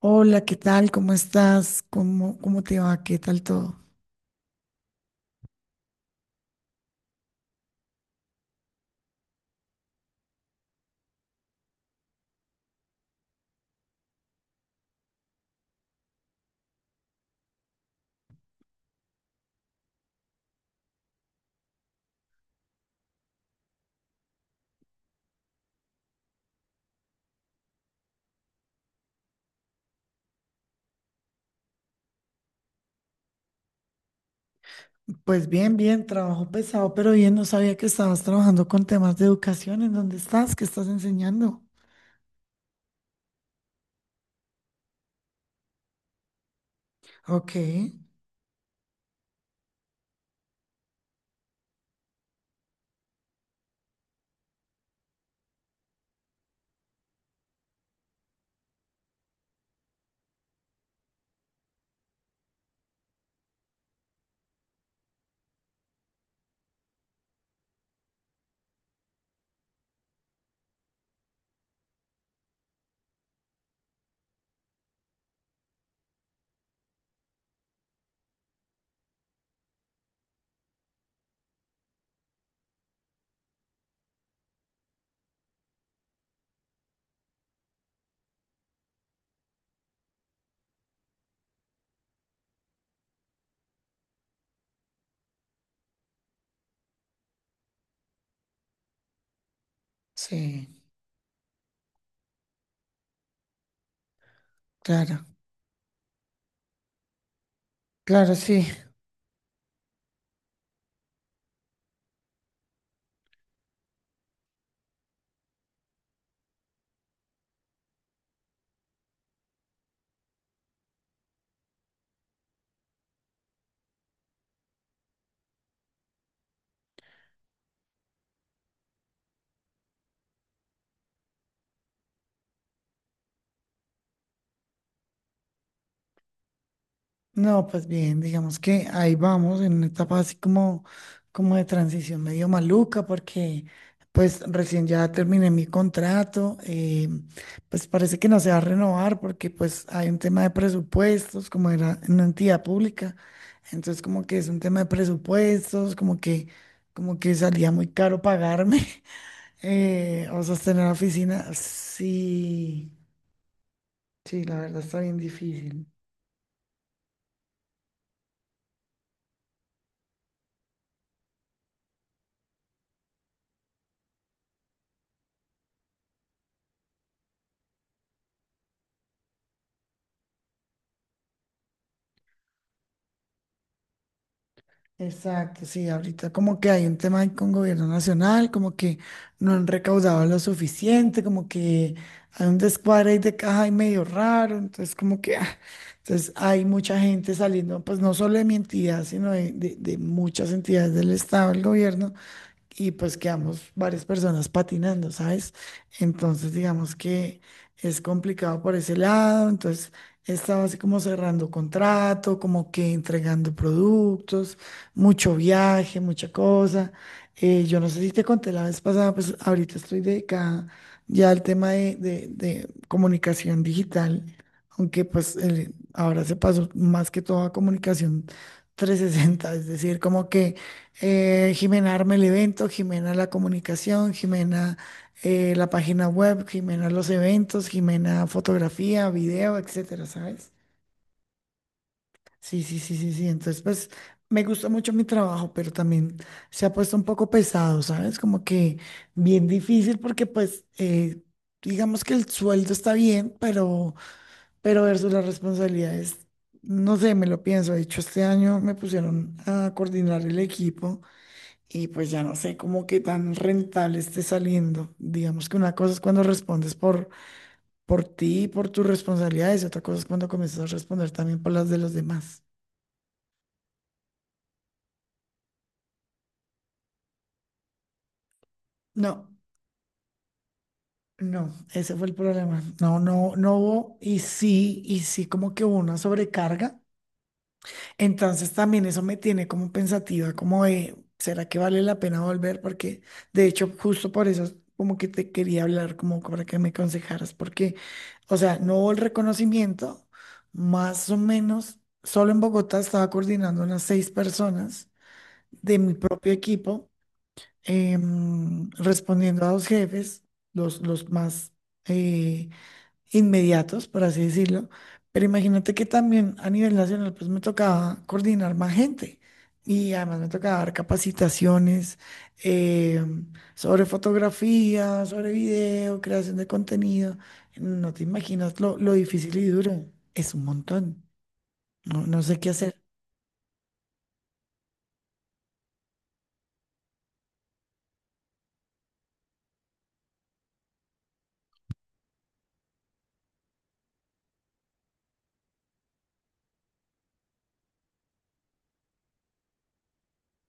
Hola, ¿qué tal? ¿Cómo estás? ¿Cómo te va? ¿Qué tal todo? Pues bien, bien, trabajo pesado, pero bien, no sabía que estabas trabajando con temas de educación. ¿En dónde estás? ¿Qué estás enseñando? Ok, sí, claro, claro, sí. No, pues bien, digamos que ahí vamos en una etapa así como de transición medio maluca, porque pues recién ya terminé mi contrato, pues parece que no se va a renovar porque pues hay un tema de presupuestos, como era en una entidad pública, entonces como que es un tema de presupuestos, como que salía muy caro pagarme o sostener la oficina, sí, sí, la verdad está bien difícil. Exacto, sí, ahorita como que hay un tema ahí con gobierno nacional, como que no han recaudado lo suficiente, como que hay un descuadre ahí de caja y medio raro, entonces como que, ah, entonces hay mucha gente saliendo, pues no solo de mi entidad, sino de muchas entidades del Estado, del gobierno, y pues quedamos varias personas patinando, ¿sabes? Entonces digamos que es complicado por ese lado, entonces estaba así como cerrando contrato, como que entregando productos, mucho viaje, mucha cosa. Yo no sé si te conté la vez pasada, pues ahorita estoy dedicada ya al tema de, de comunicación digital, aunque pues ahora se pasó más que todo a comunicación 360, es decir, como que Jimena arma el evento, Jimena la comunicación, Jimena la página web, Jimena los eventos, Jimena fotografía, video, etcétera, ¿sabes? Sí, sí, sí, sí, sí. Entonces, pues me gusta mucho mi trabajo, pero también se ha puesto un poco pesado, ¿sabes? Como que bien difícil porque pues, digamos que el sueldo está bien, pero versus las responsabilidades, no sé, me lo pienso. De hecho, este año me pusieron a coordinar el equipo y pues ya no sé cómo qué tan rentable esté saliendo. Digamos que una cosa es cuando respondes por ti, y por tus responsabilidades, y otra cosa es cuando comienzas a responder también por las de los demás. No, no, ese fue el problema. No, no, no hubo, y sí, como que hubo una sobrecarga. Entonces también eso me tiene como pensativa, como de, ¿será que vale la pena volver? Porque de hecho justo por eso como que te quería hablar, como para que me aconsejaras, porque, o sea, no hubo el reconocimiento, más o menos, solo en Bogotá estaba coordinando unas seis personas de mi propio equipo, respondiendo a dos jefes, los más, eh, inmediatos, por así decirlo, pero imagínate que también a nivel nacional pues me tocaba coordinar más gente y además me tocaba dar capacitaciones eh, sobre fotografía, sobre video, creación de contenido. No te imaginas lo difícil y duro, es un montón, no, no sé qué hacer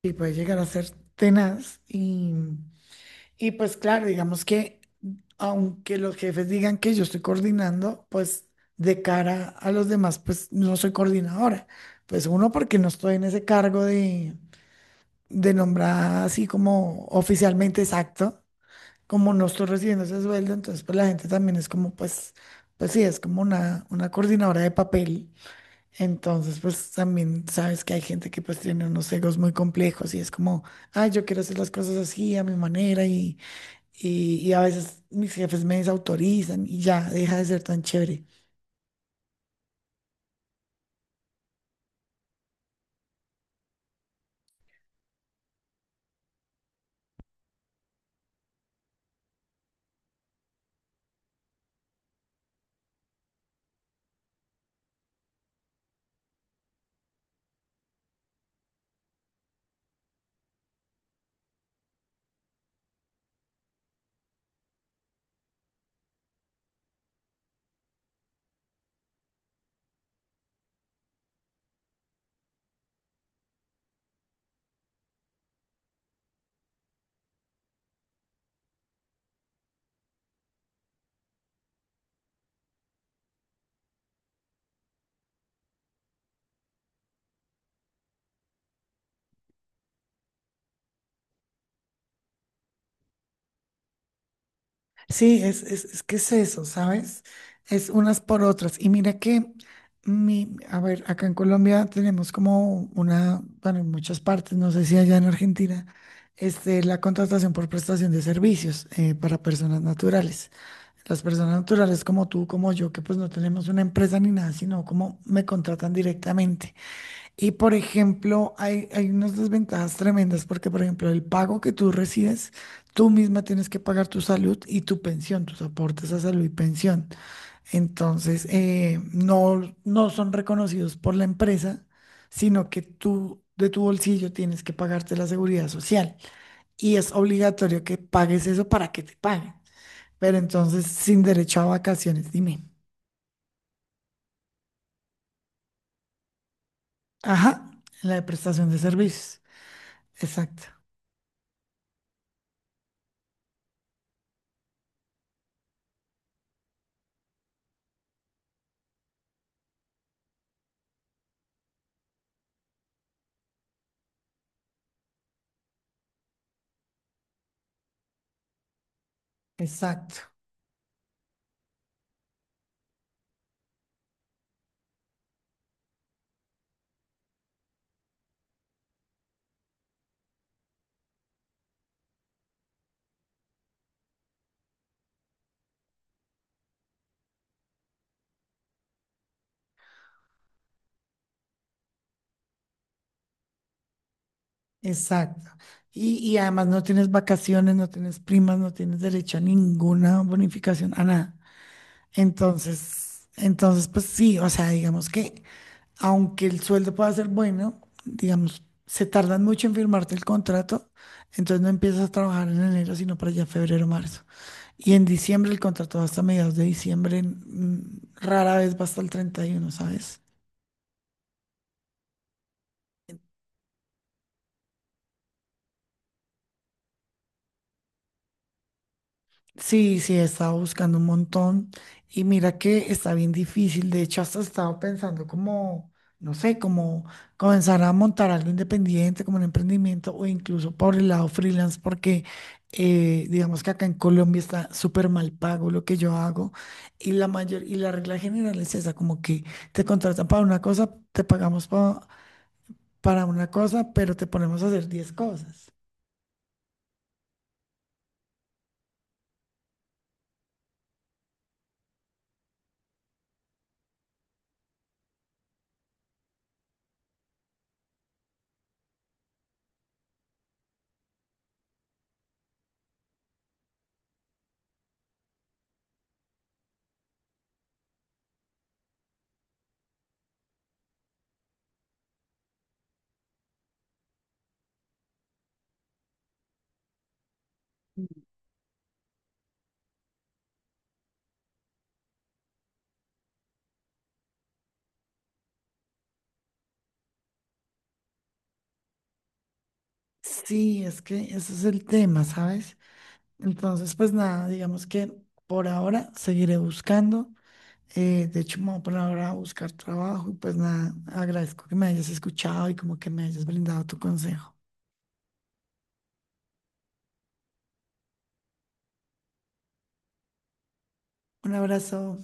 y puede llegar a ser tenaz. Y pues claro, digamos que aunque los jefes digan que yo estoy coordinando, pues de cara a los demás, pues no soy coordinadora. Pues uno, porque no estoy en ese cargo de nombrar así como oficialmente exacto, como no estoy recibiendo ese sueldo, entonces pues la gente también es como, pues, pues sí, es como una coordinadora de papel. Entonces pues también sabes que hay gente que pues tiene unos egos muy complejos y es como, ay, yo quiero hacer las cosas así, a mi manera y a veces mis jefes me desautorizan y ya deja de ser tan chévere. Sí, es que es eso, ¿sabes? Es unas por otras. Y mira que, mi, a ver, acá en Colombia tenemos como una, bueno, en muchas partes, no sé si allá en Argentina, la contratación por prestación de servicios para personas naturales. Las personas naturales como tú, como yo, que pues no tenemos una empresa ni nada, sino como me contratan directamente. Y por ejemplo, hay unas desventajas tremendas porque, por ejemplo, el pago que tú recibes, tú misma tienes que pagar tu salud y tu pensión, tus aportes a salud y pensión. Entonces, no, no son reconocidos por la empresa, sino que tú de tu bolsillo tienes que pagarte la seguridad social. Y es obligatorio que pagues eso para que te paguen. Pero entonces, sin derecho a vacaciones, dime. Ajá, la de prestación de servicios. Exacto, exacto. Exacto. Y además no tienes vacaciones, no tienes primas, no tienes derecho a ninguna bonificación, a nada. Entonces, entonces, pues sí, o sea, digamos que aunque el sueldo pueda ser bueno, digamos, se tardan mucho en firmarte el contrato, entonces no empiezas a trabajar en enero, sino para allá febrero, marzo. Y en diciembre el contrato va hasta mediados de diciembre, rara vez va hasta el 31, ¿sabes? Sí, sí, he estado buscando un montón y mira que está bien difícil. De hecho, hasta he estado pensando como, no sé, como comenzar a montar algo independiente, como un emprendimiento o incluso por el lado freelance, porque digamos que acá en Colombia está súper mal pago lo que yo hago y la mayor y la regla general es esa, como que te contratan para una cosa, te pagamos para una cosa, pero te ponemos a hacer 10 cosas. Sí, es que ese es el tema, ¿sabes? Entonces, pues nada, digamos que por ahora seguiré buscando. De hecho, me voy a poner ahora a buscar trabajo y pues nada, agradezco que me hayas escuchado y como que me hayas brindado tu consejo. Un abrazo.